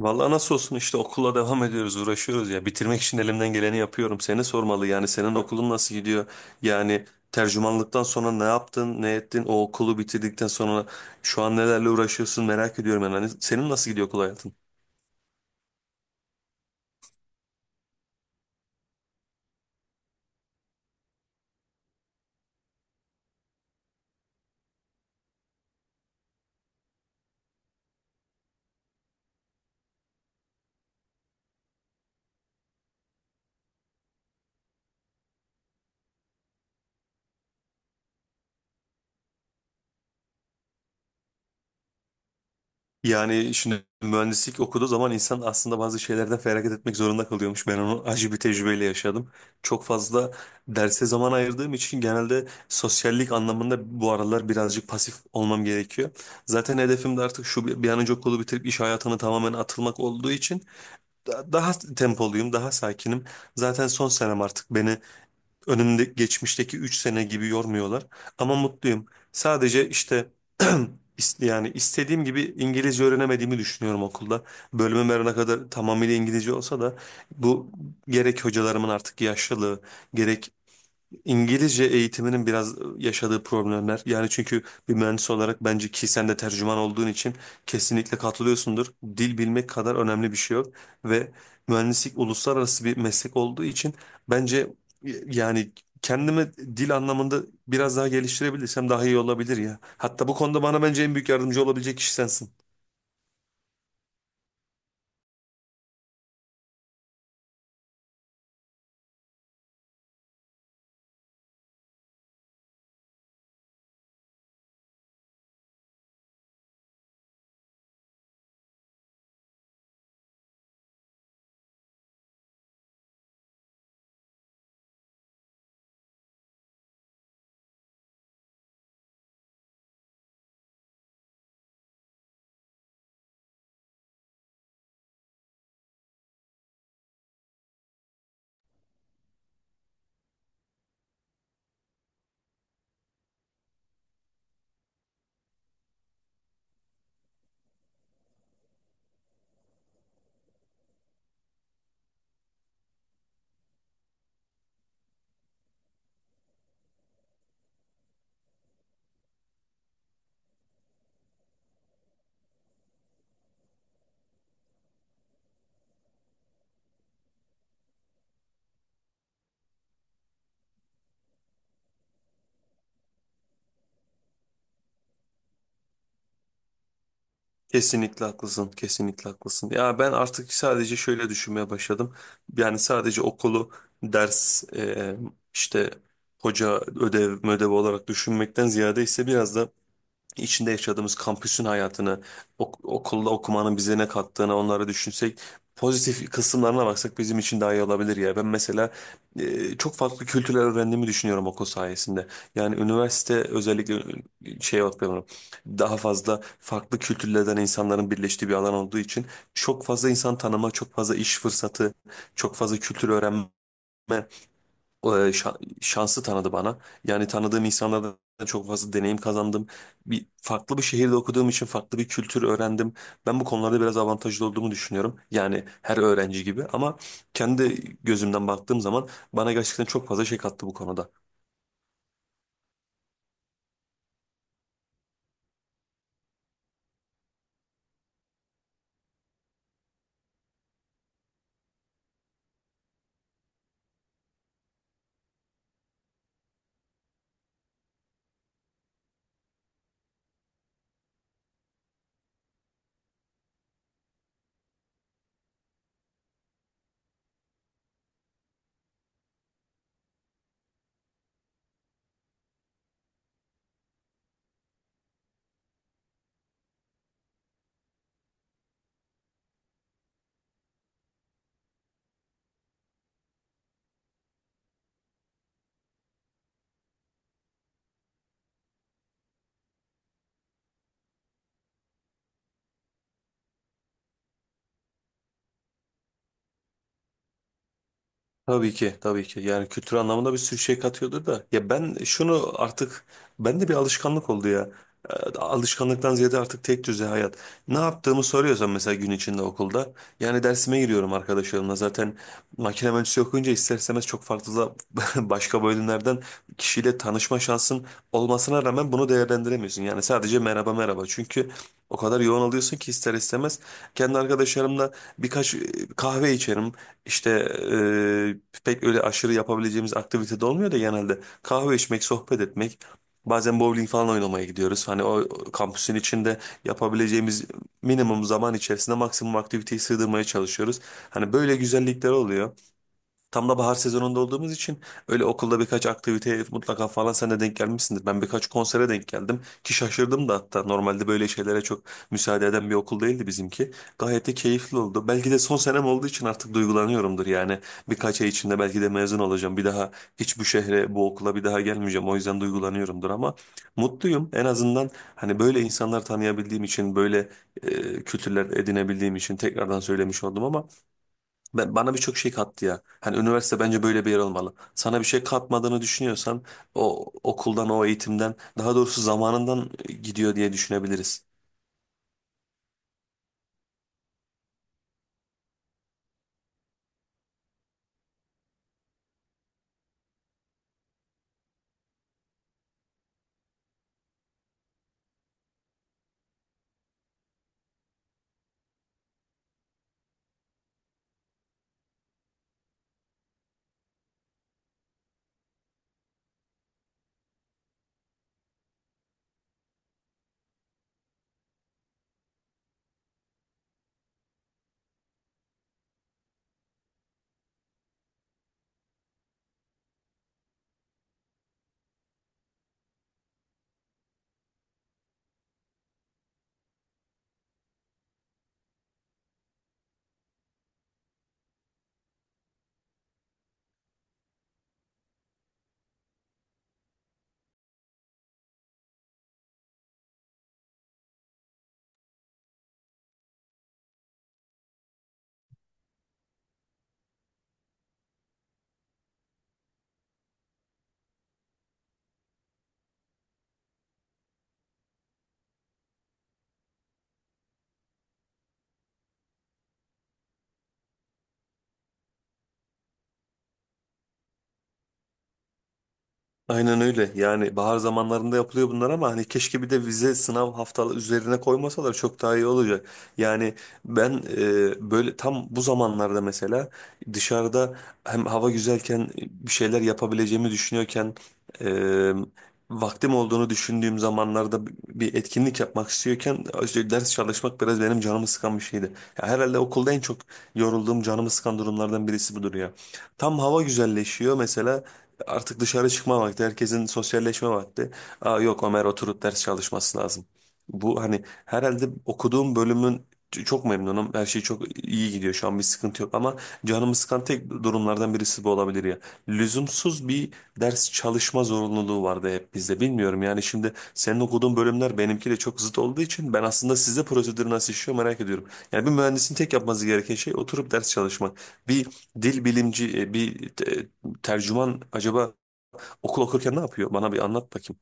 Vallahi nasıl olsun işte okula devam ediyoruz, uğraşıyoruz ya. Bitirmek için elimden geleni yapıyorum. Seni sormalı, yani senin okulun nasıl gidiyor? Yani tercümanlıktan sonra ne yaptın, ne ettin? O okulu bitirdikten sonra şu an nelerle uğraşıyorsun merak ediyorum yani. Hani senin nasıl gidiyor okul hayatın? Yani şimdi mühendislik okuduğu zaman insan aslında bazı şeylerden feragat etmek zorunda kalıyormuş. Ben onu acı bir tecrübeyle yaşadım. Çok fazla derse zaman ayırdığım için genelde sosyallik anlamında bu aralar birazcık pasif olmam gerekiyor. Zaten hedefim de artık şu bir an önce okulu bitirip iş hayatına tamamen atılmak olduğu için daha tempoluyum, daha sakinim. Zaten son senem artık beni önümde geçmişteki 3 sene gibi yormuyorlar. Ama mutluyum. Sadece işte yani istediğim gibi İngilizce öğrenemediğimi düşünüyorum okulda. Bölümüm her ne kadar tamamıyla İngilizce olsa da bu gerek hocalarımın artık yaşlılığı, gerek İngilizce eğitiminin biraz yaşadığı problemler. Yani çünkü bir mühendis olarak bence ki sen de tercüman olduğun için kesinlikle katılıyorsundur. Dil bilmek kadar önemli bir şey yok. Ve mühendislik uluslararası bir meslek olduğu için bence yani kendimi dil anlamında biraz daha geliştirebilirsem daha iyi olabilir ya. Hatta bu konuda bana bence en büyük yardımcı olabilecek kişi sensin. Kesinlikle haklısın, kesinlikle haklısın. Ya ben artık sadece şöyle düşünmeye başladım. Yani sadece okulu ders işte hoca ödev olarak düşünmekten ziyade ise biraz da içinde yaşadığımız kampüsün hayatını, okulda okumanın bize ne kattığını onları düşünsek, pozitif kısımlarına baksak bizim için daha iyi olabilir ya. Ben mesela çok farklı kültürler öğrendiğimi düşünüyorum okul sayesinde. Yani üniversite özellikle şey bakıyorum, daha fazla farklı kültürlerden insanların birleştiği bir alan olduğu için çok fazla insan tanıma, çok fazla iş fırsatı, çok fazla kültür öğrenme şansı tanıdı bana. Yani tanıdığım insanlardan çok fazla deneyim kazandım. Bir farklı bir şehirde okuduğum için farklı bir kültür öğrendim. Ben bu konularda biraz avantajlı olduğumu düşünüyorum. Yani her öğrenci gibi ama kendi gözümden baktığım zaman bana gerçekten çok fazla şey kattı bu konuda. Tabii ki, tabii ki. Yani kültür anlamında bir sürü şey katıyordur da. Ya ben şunu artık, bende bir alışkanlık oldu ya. Alışkanlıktan ziyade artık tek düze hayat. Ne yaptığımı soruyorsan mesela gün içinde okulda. Yani dersime giriyorum arkadaşlarımla. Zaten makine mühendisliği okuyunca ister istemez çok farklı da başka bölümlerden kişiyle tanışma şansın olmasına rağmen bunu değerlendiremiyorsun. Yani sadece merhaba merhaba. Çünkü o kadar yoğun oluyorsun ki ister istemez. Kendi arkadaşlarımla birkaç kahve içerim. İşte pek öyle aşırı yapabileceğimiz aktivite de olmuyor da genelde kahve içmek, sohbet etmek, bazen bowling falan oynamaya gidiyoruz. Hani o kampüsün içinde yapabileceğimiz minimum zaman içerisinde maksimum aktiviteyi sığdırmaya çalışıyoruz. Hani böyle güzellikler oluyor. Tam da bahar sezonunda olduğumuz için öyle okulda birkaç aktiviteye mutlaka falan sen de denk gelmişsindir. Ben birkaç konsere denk geldim ki şaşırdım da, hatta normalde böyle şeylere çok müsaade eden bir okul değildi bizimki. Gayet de keyifli oldu. Belki de son senem olduğu için artık duygulanıyorumdur yani. Birkaç ay içinde belki de mezun olacağım. Bir daha hiç bu şehre, bu okula bir daha gelmeyeceğim. O yüzden duygulanıyorumdur ama mutluyum. En azından hani böyle insanlar tanıyabildiğim için, böyle kültürler edinebildiğim için tekrardan söylemiş oldum ama ben, bana birçok şey kattı ya. Hani üniversite bence böyle bir yer olmalı. Sana bir şey katmadığını düşünüyorsan o okuldan, o eğitimden, daha doğrusu zamanından gidiyor diye düşünebiliriz. Aynen öyle. Yani bahar zamanlarında yapılıyor bunlar ama hani keşke bir de vize sınav haftalı üzerine koymasalar çok daha iyi olacak. Yani ben böyle tam bu zamanlarda mesela dışarıda hem hava güzelken bir şeyler yapabileceğimi düşünüyorken e, vaktim olduğunu düşündüğüm zamanlarda bir etkinlik yapmak istiyorken işte ders çalışmak biraz benim canımı sıkan bir şeydi. Ya herhalde okulda en çok yorulduğum canımı sıkan durumlardan birisi budur ya. Tam hava güzelleşiyor mesela, artık dışarı çıkma vakti, herkesin sosyalleşme vakti. Aa, yok Ömer oturup ders çalışması lazım. Bu hani herhalde okuduğum bölümün çok memnunum. Her şey çok iyi gidiyor şu an, bir sıkıntı yok ama canımı sıkan tek durumlardan birisi bu olabilir ya. Lüzumsuz bir ders çalışma zorunluluğu vardı hep bizde. Bilmiyorum yani, şimdi senin okuduğun bölümler benimkiyle çok zıt olduğu için ben aslında size prosedür nasıl işliyor merak ediyorum. Yani bir mühendisin tek yapması gereken şey oturup ders çalışmak. Bir dil bilimci, bir tercüman acaba okul okurken ne yapıyor? Bana bir anlat bakayım.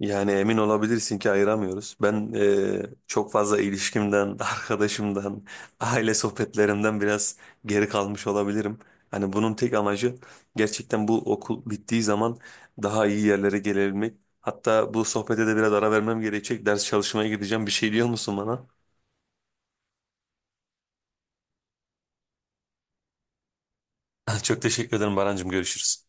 Yani emin olabilirsin ki ayıramıyoruz. Ben çok fazla ilişkimden, arkadaşımdan, aile sohbetlerimden biraz geri kalmış olabilirim. Hani bunun tek amacı gerçekten bu okul bittiği zaman daha iyi yerlere gelebilmek. Hatta bu sohbete de biraz ara vermem gerekecek. Ders çalışmaya gideceğim. Bir şey diyor musun bana? Çok teşekkür ederim Barancığım. Görüşürüz.